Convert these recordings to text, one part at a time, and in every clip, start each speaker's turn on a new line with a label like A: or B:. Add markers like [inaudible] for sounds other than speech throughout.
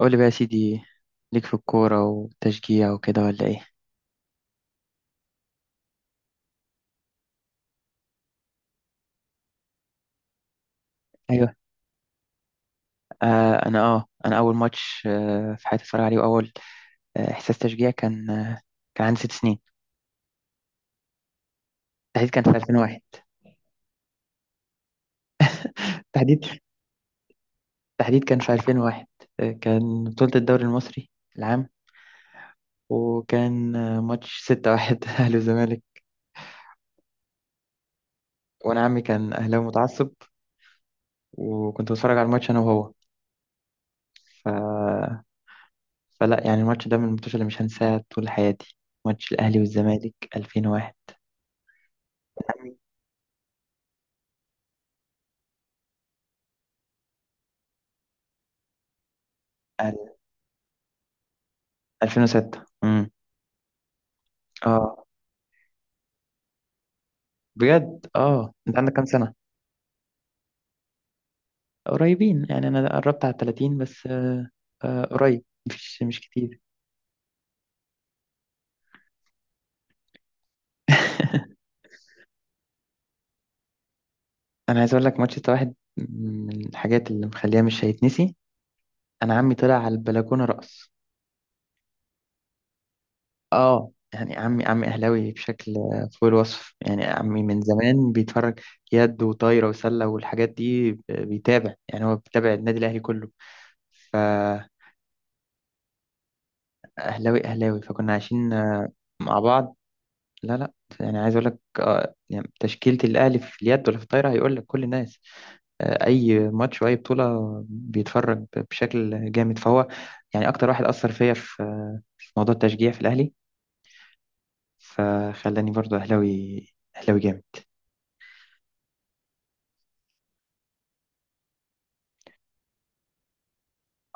A: قول لي بقى يا سيدي، ليك في الكورة وتشجيع وكده ولا ايه؟ ايوه. انا اول ماتش في حياتي اتفرج عليه، واول احساس تشجيع، كان عندي ست سنين. تحديد كان في 2001. تحديد تحديد كان في 2001، كان بطولة الدوري المصري العام، وكان ماتش 6-1 [laughs] اهلي وزمالك. وانا عمي كان اهلاوي متعصب، وكنت بتفرج على الماتش انا وهو. ف... فلا يعني، الماتش ده من الماتشات اللي مش هنساها طول حياتي، ماتش الاهلي والزمالك 2001. أل- 2006، اه بجد، انت عندك كام سنة؟ قريبين يعني، انا قربت على 30، بس قريب، مش كتير. [laughs] انا عايز اقول لك، ماتش ده واحد من الحاجات اللي مخليها مش هيتنسي. انا عمي طلع على البلكونة رقص. اه يعني عمي عمي اهلاوي بشكل فوق الوصف. يعني عمي من زمان بيتفرج يد وطايرة وسلة، والحاجات دي بيتابع، يعني هو بيتابع النادي الاهلي كله، فاهلاوي اهلاوي أهلاوي. فكنا عايشين مع بعض. لا لا، يعني عايز اقول لك يعني تشكيلة الاهلي في اليد ولا في الطايرة هيقول لك كل الناس، اي ماتش واي بطولة بيتفرج بشكل جامد. فهو يعني اكتر واحد اثر فيا في موضوع التشجيع في الاهلي، فخلاني برضو اهلاوي، اهلاوي جامد.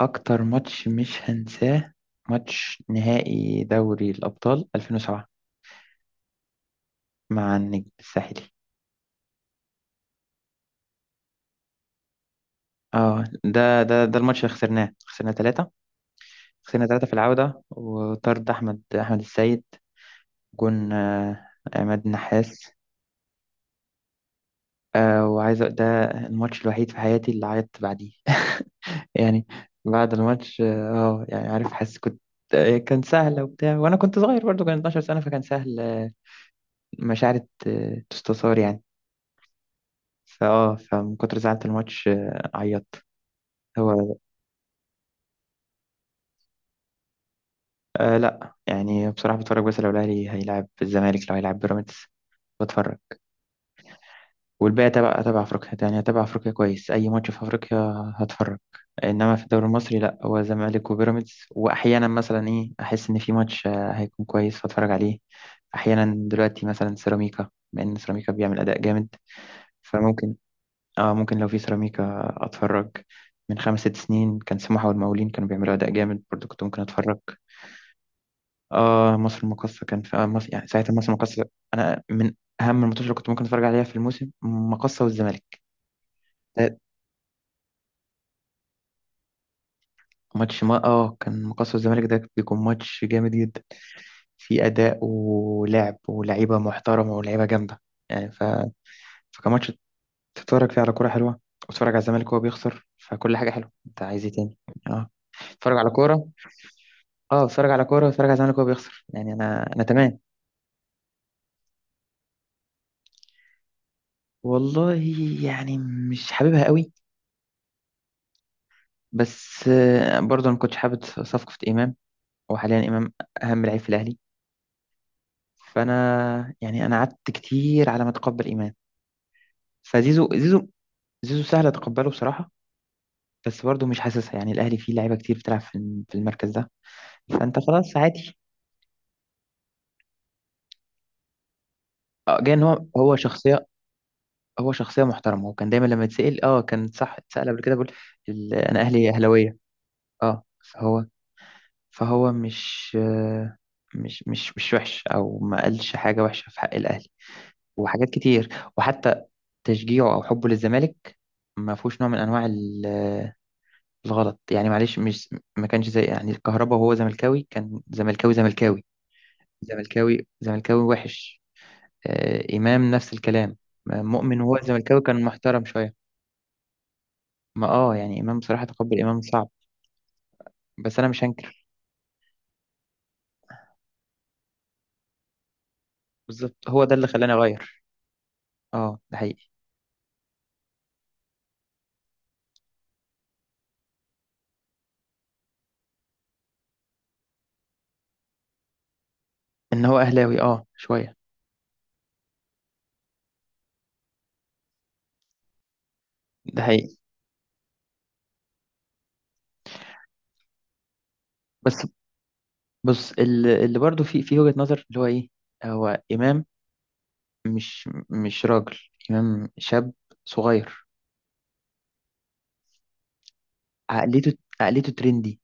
A: اكتر ماتش مش هنساه، ماتش نهائي دوري الابطال 2007 مع النجم الساحلي. اه ده الماتش اللي خسرناه، خسرنا ثلاثة في العودة، وطرد أحمد السيد، جون عماد النحاس. ده الماتش الوحيد في حياتي اللي عيطت بعديه [laughs] يعني بعد الماتش يعني عارف، حاسس كنت كان سهل، وبتاع، وانا كنت صغير برضو، كان 12 سنة، فكان سهل، مشاعر تستثار يعني. فمن كتر زعلة الماتش عيطت. هو لا يعني بصراحة بتفرج، بس لو الاهلي هيلعب الزمالك، لو هيلعب بيراميدز بتفرج. والباقي تبع افريقيا، يعني تبع افريقيا كويس، اي ماتش في افريقيا هتفرج. انما في الدوري المصري لا، هو زمالك وبيراميدز، واحيانا مثلا ايه، احس ان في ماتش هيكون كويس فاتفرج عليه. احيانا دلوقتي مثلا سيراميكا، بما ان سيراميكا بيعمل اداء جامد، فممكن اه ممكن لو في سيراميكا اتفرج. من خمس ست سنين كان سموحة والمقاولين كانوا بيعملوا اداء جامد برضو، كنت ممكن اتفرج. اه، مصر المقاصة، كان في مصر يعني ساعتها، مصر المقاصة. انا من اهم الماتشات اللي كنت ممكن اتفرج عليها في الموسم مقاصة والزمالك. ماتش ما اه كان مقصة الزمالك ده بيكون ماتش جامد جدا، في أداء ولعب ولعيبة محترمة ولعيبة جامدة، يعني فكان ماتش تتفرج فيه على كورة حلوة، وتتفرج على الزمالك وهو بيخسر، فكل حاجة حلوة، انت عايز ايه تاني؟ اه اتفرج على كورة اه اتفرج على كورة واتفرج على الزمالك وهو بيخسر يعني، انا تمام. والله، يعني مش حاببها قوي، بس برضه انا ما كنتش حابب صفقة إمام، وحاليا إمام أهم لعيب في الأهلي، فأنا يعني أنا قعدت كتير على ما أتقبل إمام. فزيزو زيزو زيزو سهل اتقبله بصراحه، بس برضه مش حاسسها. يعني الاهلي فيه لعيبه كتير بتلعب في في المركز ده، فانت خلاص عادي. جاي ان هو شخصيه محترمه، وكان دايما لما يتسال اه كان صح اتسال قبل كده، بيقول انا اهلي اهلاويه. اه فهو فهو مش وحش، او ما قالش حاجه وحشه في حق الاهلي، وحاجات كتير. وحتى تشجيعه او حبه للزمالك ما فيهوش نوع من انواع الغلط، يعني معلش، مش ما كانش زي يعني الكهرباء وهو زملكاوي، كان زملكاوي زملكاوي زملكاوي زملكاوي وحش. آه إمام نفس الكلام مؤمن وهو زملكاوي كان محترم شوية. ما اه يعني إمام بصراحة، تقبل إمام صعب، بس أنا مش هنكر. بالظبط هو ده اللي خلاني أغير، اه ده حقيقي، إن هو أهلاوي اه شوية. ده حقيقي. بس بص اللي برضه في وجهة نظر اللي هو إيه، هو إمام مش راجل. إمام شاب صغير، عقليته ترندي،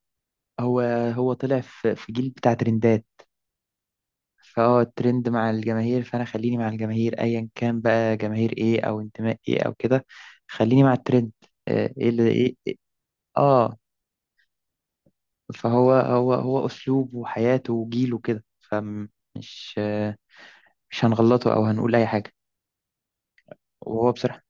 A: هو هو طلع في جيل بتاع ترندات. فهو الترند مع الجماهير، فانا خليني مع الجماهير ايا كان بقى جماهير ايه او انتماء ايه او كده، خليني مع الترند. آه، ايه اللي ايه إيه- اه فهو هو اسلوبه وحياته وجيله كده، فمش آه، مش هنغلطه او هنقول اي حاجه، وهو بصراحه.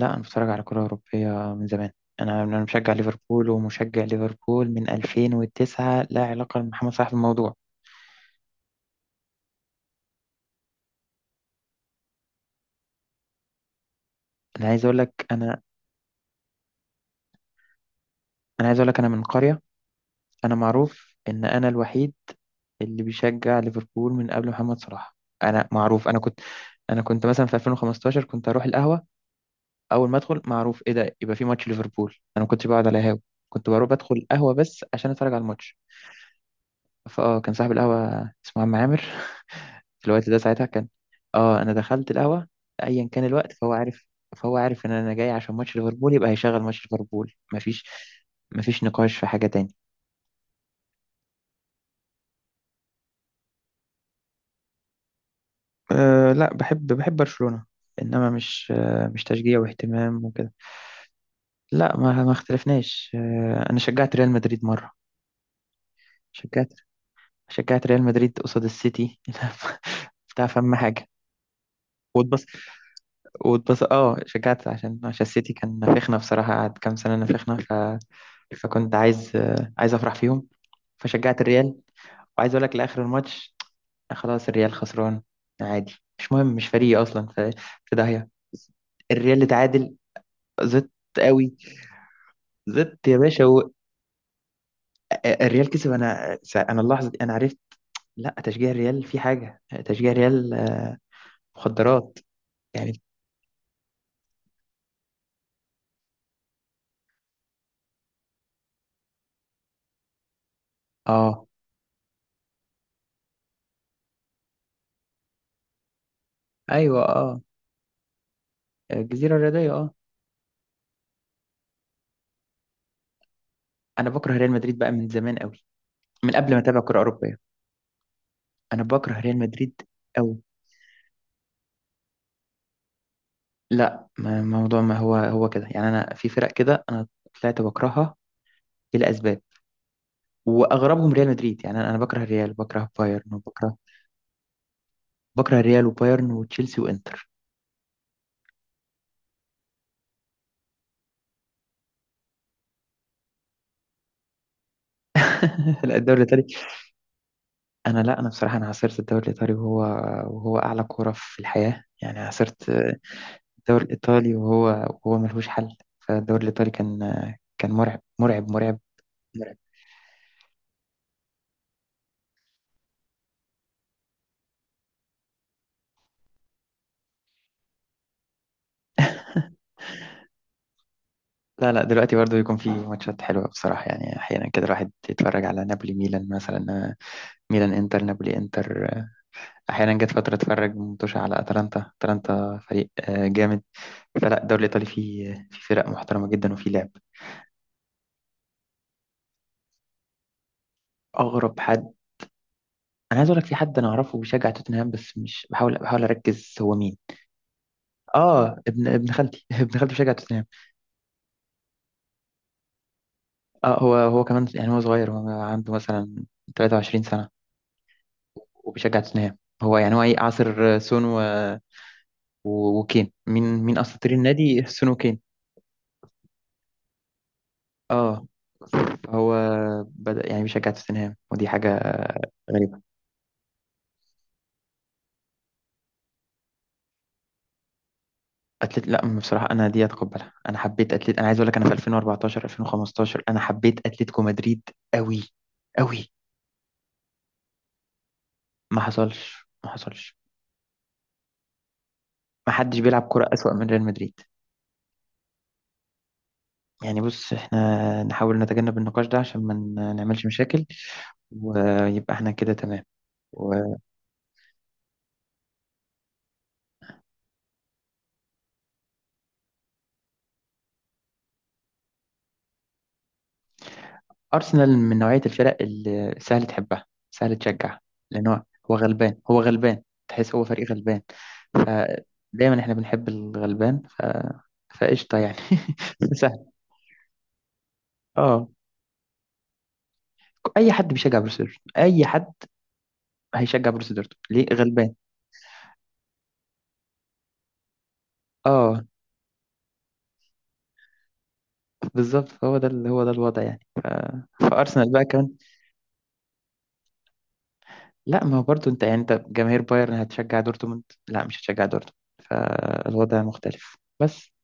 A: لا انا بتفرج على كره اوروبيه من زمان. انا مشجع ليفربول ومشجع ليفربول من 2009، لا علاقه لمحمد صلاح بالموضوع. انا عايز اقول لك انا انا عايز اقول لك انا من قريه. انا معروف ان انا الوحيد اللي بيشجع ليفربول من قبل محمد صلاح. انا معروف، انا كنت مثلا في 2015 كنت اروح القهوه. اول ما ادخل معروف ايه ده، يبقى في ماتش ليفربول. انا ما كنتش بقعد على قهاوي، كنت بروح بدخل القهوه بس عشان اتفرج على الماتش. كان صاحب القهوه اسمه عم عامر [laughs] في الوقت ده ساعتها كان، اه انا دخلت القهوه ايا كان الوقت فهو عارف، فهو عارف ان انا جاي عشان ماتش ليفربول يبقى هيشغل ماتش ليفربول، مفيش نقاش في حاجه تاني. أه لا، بحب برشلونة، انما مش، أه مش تشجيع واهتمام وكده. لا ما اختلفناش. انا شجعت ريال مدريد مرة. شجعت شجعت ريال مدريد قصاد السيتي [laughs] بتاع فم حاجة. واتبص واتبص، شجعت، عشان السيتي كان نافخنا بصراحة، قعد كام سنة نافخنا، فكنت عايز عايز افرح فيهم، فشجعت الريال. وعايز اقول لك لاخر الماتش خلاص الريال خسران، عادي مش مهم، مش فريقي اصلا، في داهية. الريال اللي تعادل، زدت قوي. زدت يا باشا الريال كسب، انا اللحظه دي انا عرفت لا، تشجيع الريال في حاجه، تشجيع الريال مخدرات. يعني، اه، ايوه، اه، الجزيره الرياضيه، اه. انا بكره ريال مدريد بقى من زمان قوي، من قبل ما اتابع كره اوروبيه، انا بكره ريال مدريد قوي. لا ما موضوع، ما هو كده. يعني انا في فرق كده انا طلعت بكرهها لاسباب، واغربهم ريال مدريد. يعني انا بكره الريال، بكره بايرن، وبكره بكره الريال وبايرن وتشيلسي وانتر. [laughs] لا، الدوري الايطالي، انا لا انا بصراحه انا عاصرت الدوري الايطالي وهو اعلى كوره في الحياه، يعني عاصرت الدوري الايطالي وهو ملهوش حل. فالدوري الايطالي كان مرعب مرعب مرعب مرعب. لا لا، دلوقتي برضه يكون في ماتشات حلوه بصراحه، يعني احيانا كده الواحد يتفرج على نابولي ميلان مثلا، ميلان انتر، نابولي انتر. احيانا جت فتره اتفرج متوشه على اتلانتا، اتلانتا فريق جامد. فلا، الدوري الايطالي فيه في فرق محترمه جدا، وفي لعب. اغرب حد، انا عايز اقول لك في حد انا اعرفه بيشجع توتنهام، بس مش، بحاول اركز هو مين. اه ابن خالتي [laughs] ابن خالتي بيشجع توتنهام. اه، هو كمان يعني، هو صغير، هو عنده مثلا 23 سنة وبيشجع توتنهام. هو يعني هو ايه، عصر سون وكين، مين مين اساطير النادي، سون وكين. اه هو بدأ يعني بيشجع توتنهام، ودي حاجة غريبة. أتلت، لا بصراحة أنا دي أتقبلها، أنا حبيت أتلت، أنا عايز أقول لك أنا في 2014 2015 أنا حبيت أتلتيكو مدريد أوي أوي. ما حصلش، ما حصلش. ما حدش بيلعب كرة أسوأ من ريال مدريد. يعني بص، احنا نحاول نتجنب النقاش ده عشان ما نعملش مشاكل، ويبقى احنا كده تمام. وأرسنال من نوعية الفرق اللي سهل تحبها، سهل تشجع، لأن هو غلبان، هو غلبان، تحس هو فريق غلبان. فدايما احنا بنحب الغلبان، فقشطة يعني. [laughs] سهل، اه، أي حد بيشجع بروسيا دورتموند، أي حد هيشجع بروسيا دورتموند، ليه؟ غلبان. اه بالظبط، فهو ده هو ده الوضع، يعني فارسنال بقى كمان. لا، ما هو برضه انت، يعني انت جماهير بايرن هتشجع دورتموند؟ لا، مش هتشجع دورتموند. فالوضع مختلف بس.